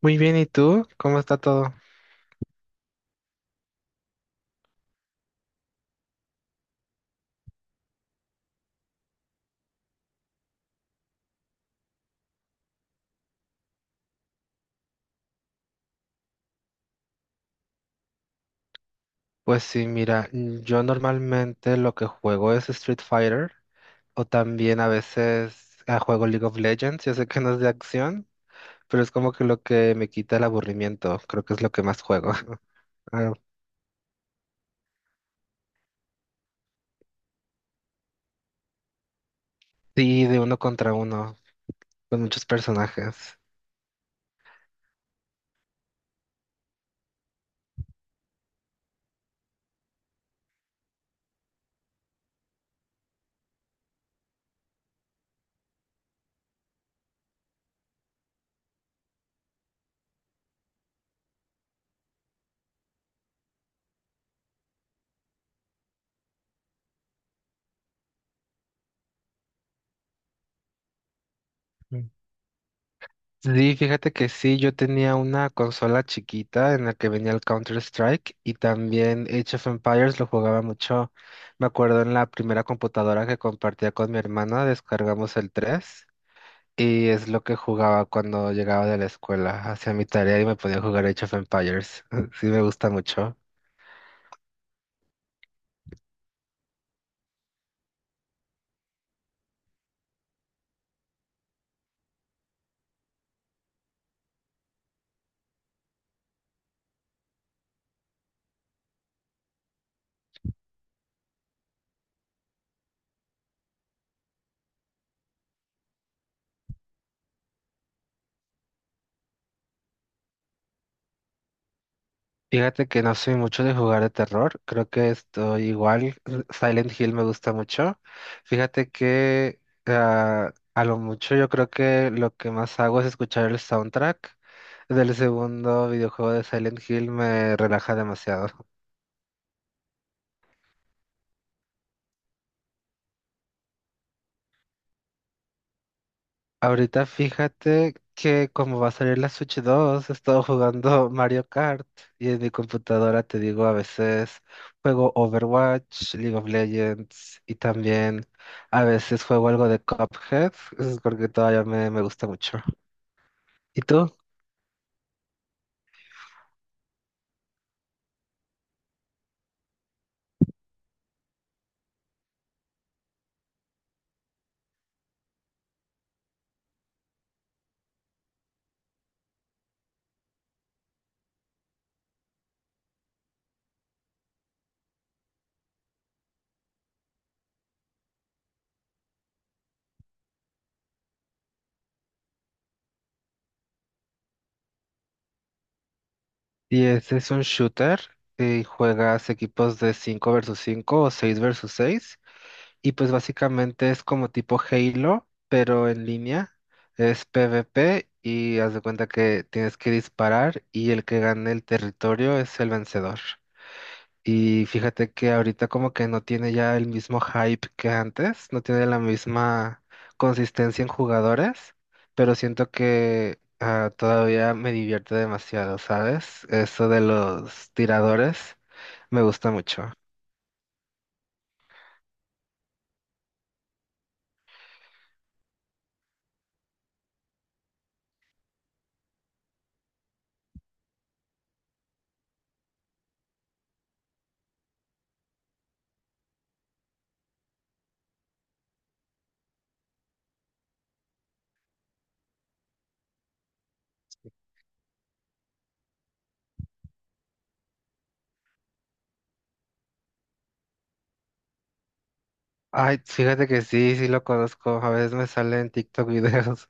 Muy bien, ¿y tú? ¿Cómo está todo? Pues sí, mira, yo normalmente lo que juego es Street Fighter o también a veces juego League of Legends. Yo sé que no es de acción, pero es como que lo que me quita el aburrimiento. Creo que es lo que más juego. Ah, sí, de uno contra uno, con muchos personajes. Sí, fíjate que sí, yo tenía una consola chiquita en la que venía el Counter-Strike y también Age of Empires lo jugaba mucho. Me acuerdo en la primera computadora que compartía con mi hermana, descargamos el 3 y es lo que jugaba cuando llegaba de la escuela, hacía mi tarea y me podía jugar Age of Empires. Sí, me gusta mucho. Fíjate que no soy mucho de jugar de terror, creo que estoy igual, Silent Hill me gusta mucho. Fíjate que a lo mucho yo creo que lo que más hago es escuchar el soundtrack del segundo videojuego de Silent Hill, me relaja demasiado. Ahorita fíjate que como va a salir la Switch 2 he estado jugando Mario Kart y en mi computadora te digo a veces juego Overwatch, League of Legends y también a veces juego algo de Cuphead, es porque todavía me gusta mucho. ¿Y tú? ¿Y ese es un shooter? ¿Y juegas equipos de 5 versus 5 o 6 versus seis? Y pues básicamente es como tipo Halo, pero en línea. Es PvP y haz de cuenta que tienes que disparar y el que gane el territorio es el vencedor. Y fíjate que ahorita como que no tiene ya el mismo hype que antes, no tiene la misma consistencia en jugadores, pero siento que todavía me divierte demasiado, ¿sabes? Eso de los tiradores me gusta mucho. Ay, fíjate que sí, sí lo conozco. A veces me sale en TikTok videos.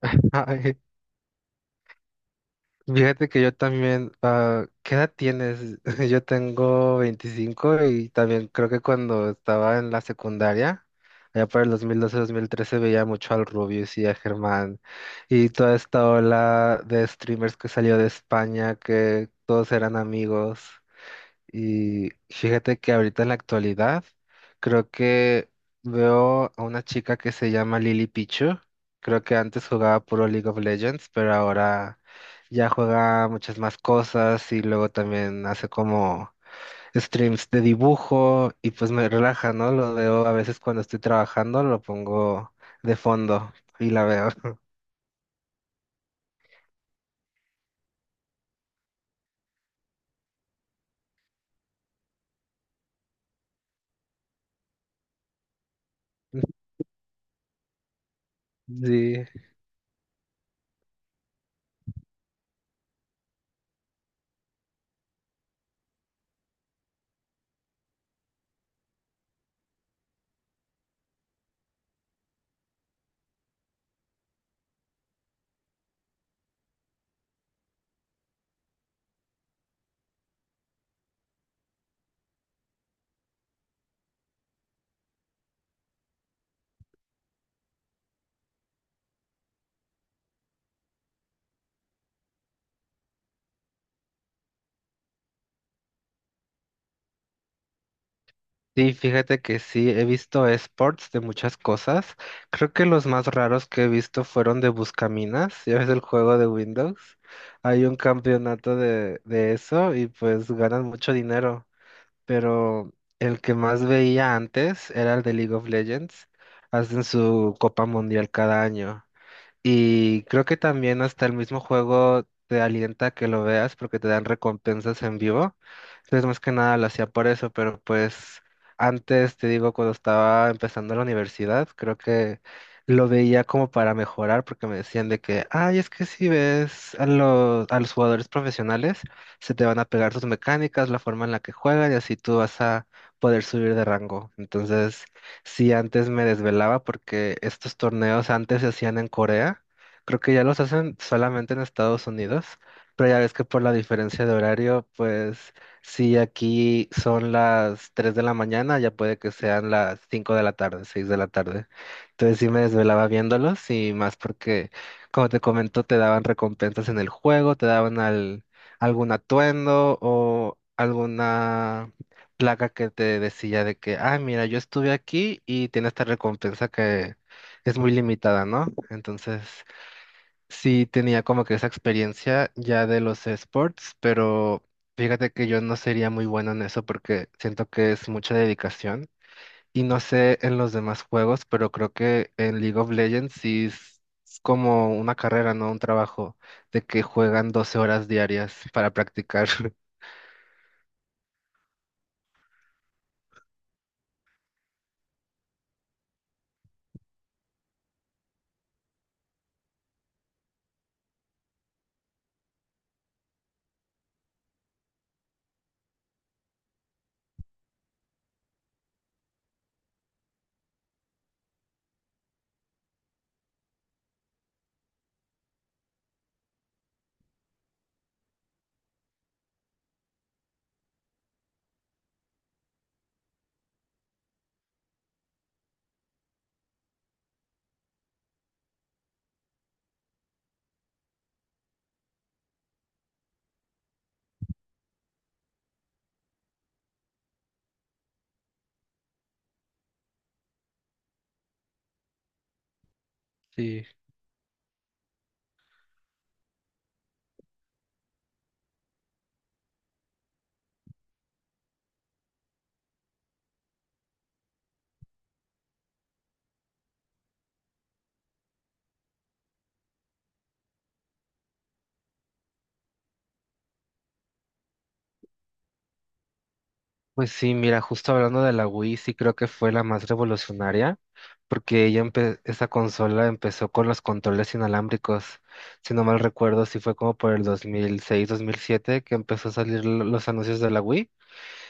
Ay, fíjate que yo también. ¿Qué edad tienes? Yo tengo 25 y también creo que cuando estaba en la secundaria, allá por el dos mil doce, mil trece veía mucho al Rubius y a Germán y toda esta ola de streamers que salió de España, que todos eran amigos. Y fíjate que ahorita en la actualidad creo que veo a una chica que se llama Lily Pichu. Creo que antes jugaba puro League of Legends, pero ahora ya juega muchas más cosas y luego también hace como streams de dibujo y pues me relaja, ¿no? Lo veo a veces cuando estoy trabajando, lo pongo de fondo y la veo. Sí. Sí, fíjate que sí, he visto esports de muchas cosas. Creo que los más raros que he visto fueron de Buscaminas, ya ves el juego de Windows. Hay un campeonato de eso y pues ganan mucho dinero. Pero el que más veía antes era el de League of Legends. Hacen su Copa Mundial cada año. Y creo que también hasta el mismo juego te alienta a que lo veas porque te dan recompensas en vivo. Entonces, más que nada lo hacía por eso, pero pues antes, te digo, cuando estaba empezando la universidad, creo que lo veía como para mejorar porque me decían de que, ay, es que si ves a los jugadores profesionales, se te van a pegar sus mecánicas, la forma en la que juegan y así tú vas a poder subir de rango. Entonces... Sí, antes me desvelaba porque estos torneos antes se hacían en Corea. Creo que ya los hacen solamente en Estados Unidos, pero ya ves que por la diferencia de horario, pues si aquí son las 3 de la mañana, ya puede que sean las 5 de la tarde, 6 de la tarde. Entonces sí me desvelaba viéndolos y más porque, como te comento, te daban recompensas en el juego, te daban algún atuendo o alguna placa que te decía de que, ah, mira, yo estuve aquí y tiene esta recompensa que es muy limitada, ¿no? Entonces, sí tenía como que esa experiencia ya de los esports, pero fíjate que yo no sería muy bueno en eso porque siento que es mucha dedicación. Y no sé en los demás juegos, pero creo que en League of Legends sí es como una carrera, ¿no? Un trabajo de que juegan 12 horas diarias para practicar. Sí. Pues sí, mira, justo hablando de la Wii, sí creo que fue la más revolucionaria, porque ella esa consola empezó con los controles inalámbricos. Si no mal recuerdo, sí fue como por el dos mil seis, 2007, que empezó a salir los anuncios de la Wii.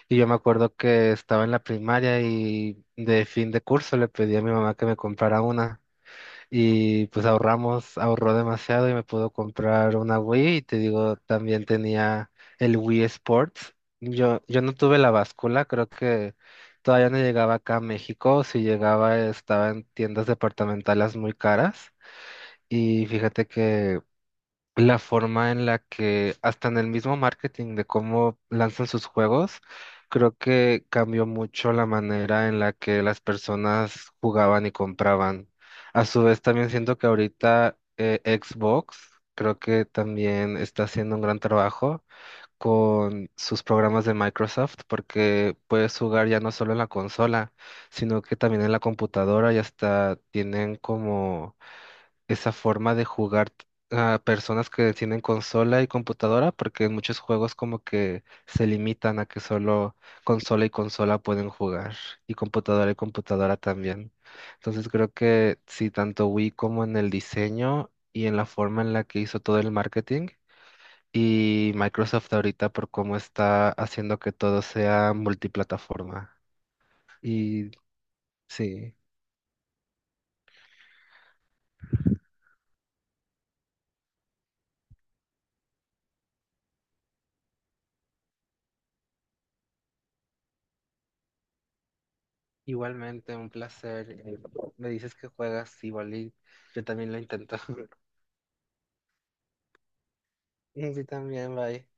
Y yo me acuerdo que estaba en la primaria y de fin de curso le pedí a mi mamá que me comprara una. Y pues ahorramos, ahorró demasiado y me pudo comprar una Wii. Y te digo, también tenía el Wii Sports. Yo no tuve la báscula, creo que todavía no llegaba acá a México. Si llegaba, estaba en tiendas departamentales muy caras. Y fíjate que la forma en la que hasta en el mismo marketing de cómo lanzan sus juegos, creo que cambió mucho la manera en la que las personas jugaban y compraban. A su vez, también siento que ahorita Xbox creo que también está haciendo un gran trabajo con sus programas de Microsoft porque puedes jugar ya no solo en la consola, sino que también en la computadora y hasta tienen como esa forma de jugar a personas que tienen consola y computadora, porque en muchos juegos como que se limitan a que solo consola y consola pueden jugar, y computadora también. Entonces creo que sí, tanto Wii como en el diseño y en la forma en la que hizo todo el marketing, y Microsoft ahorita por cómo está haciendo que todo sea multiplataforma. Y sí. Igualmente, un placer. Me dices que juegas igual y yo también lo intento. Sí, también, bye.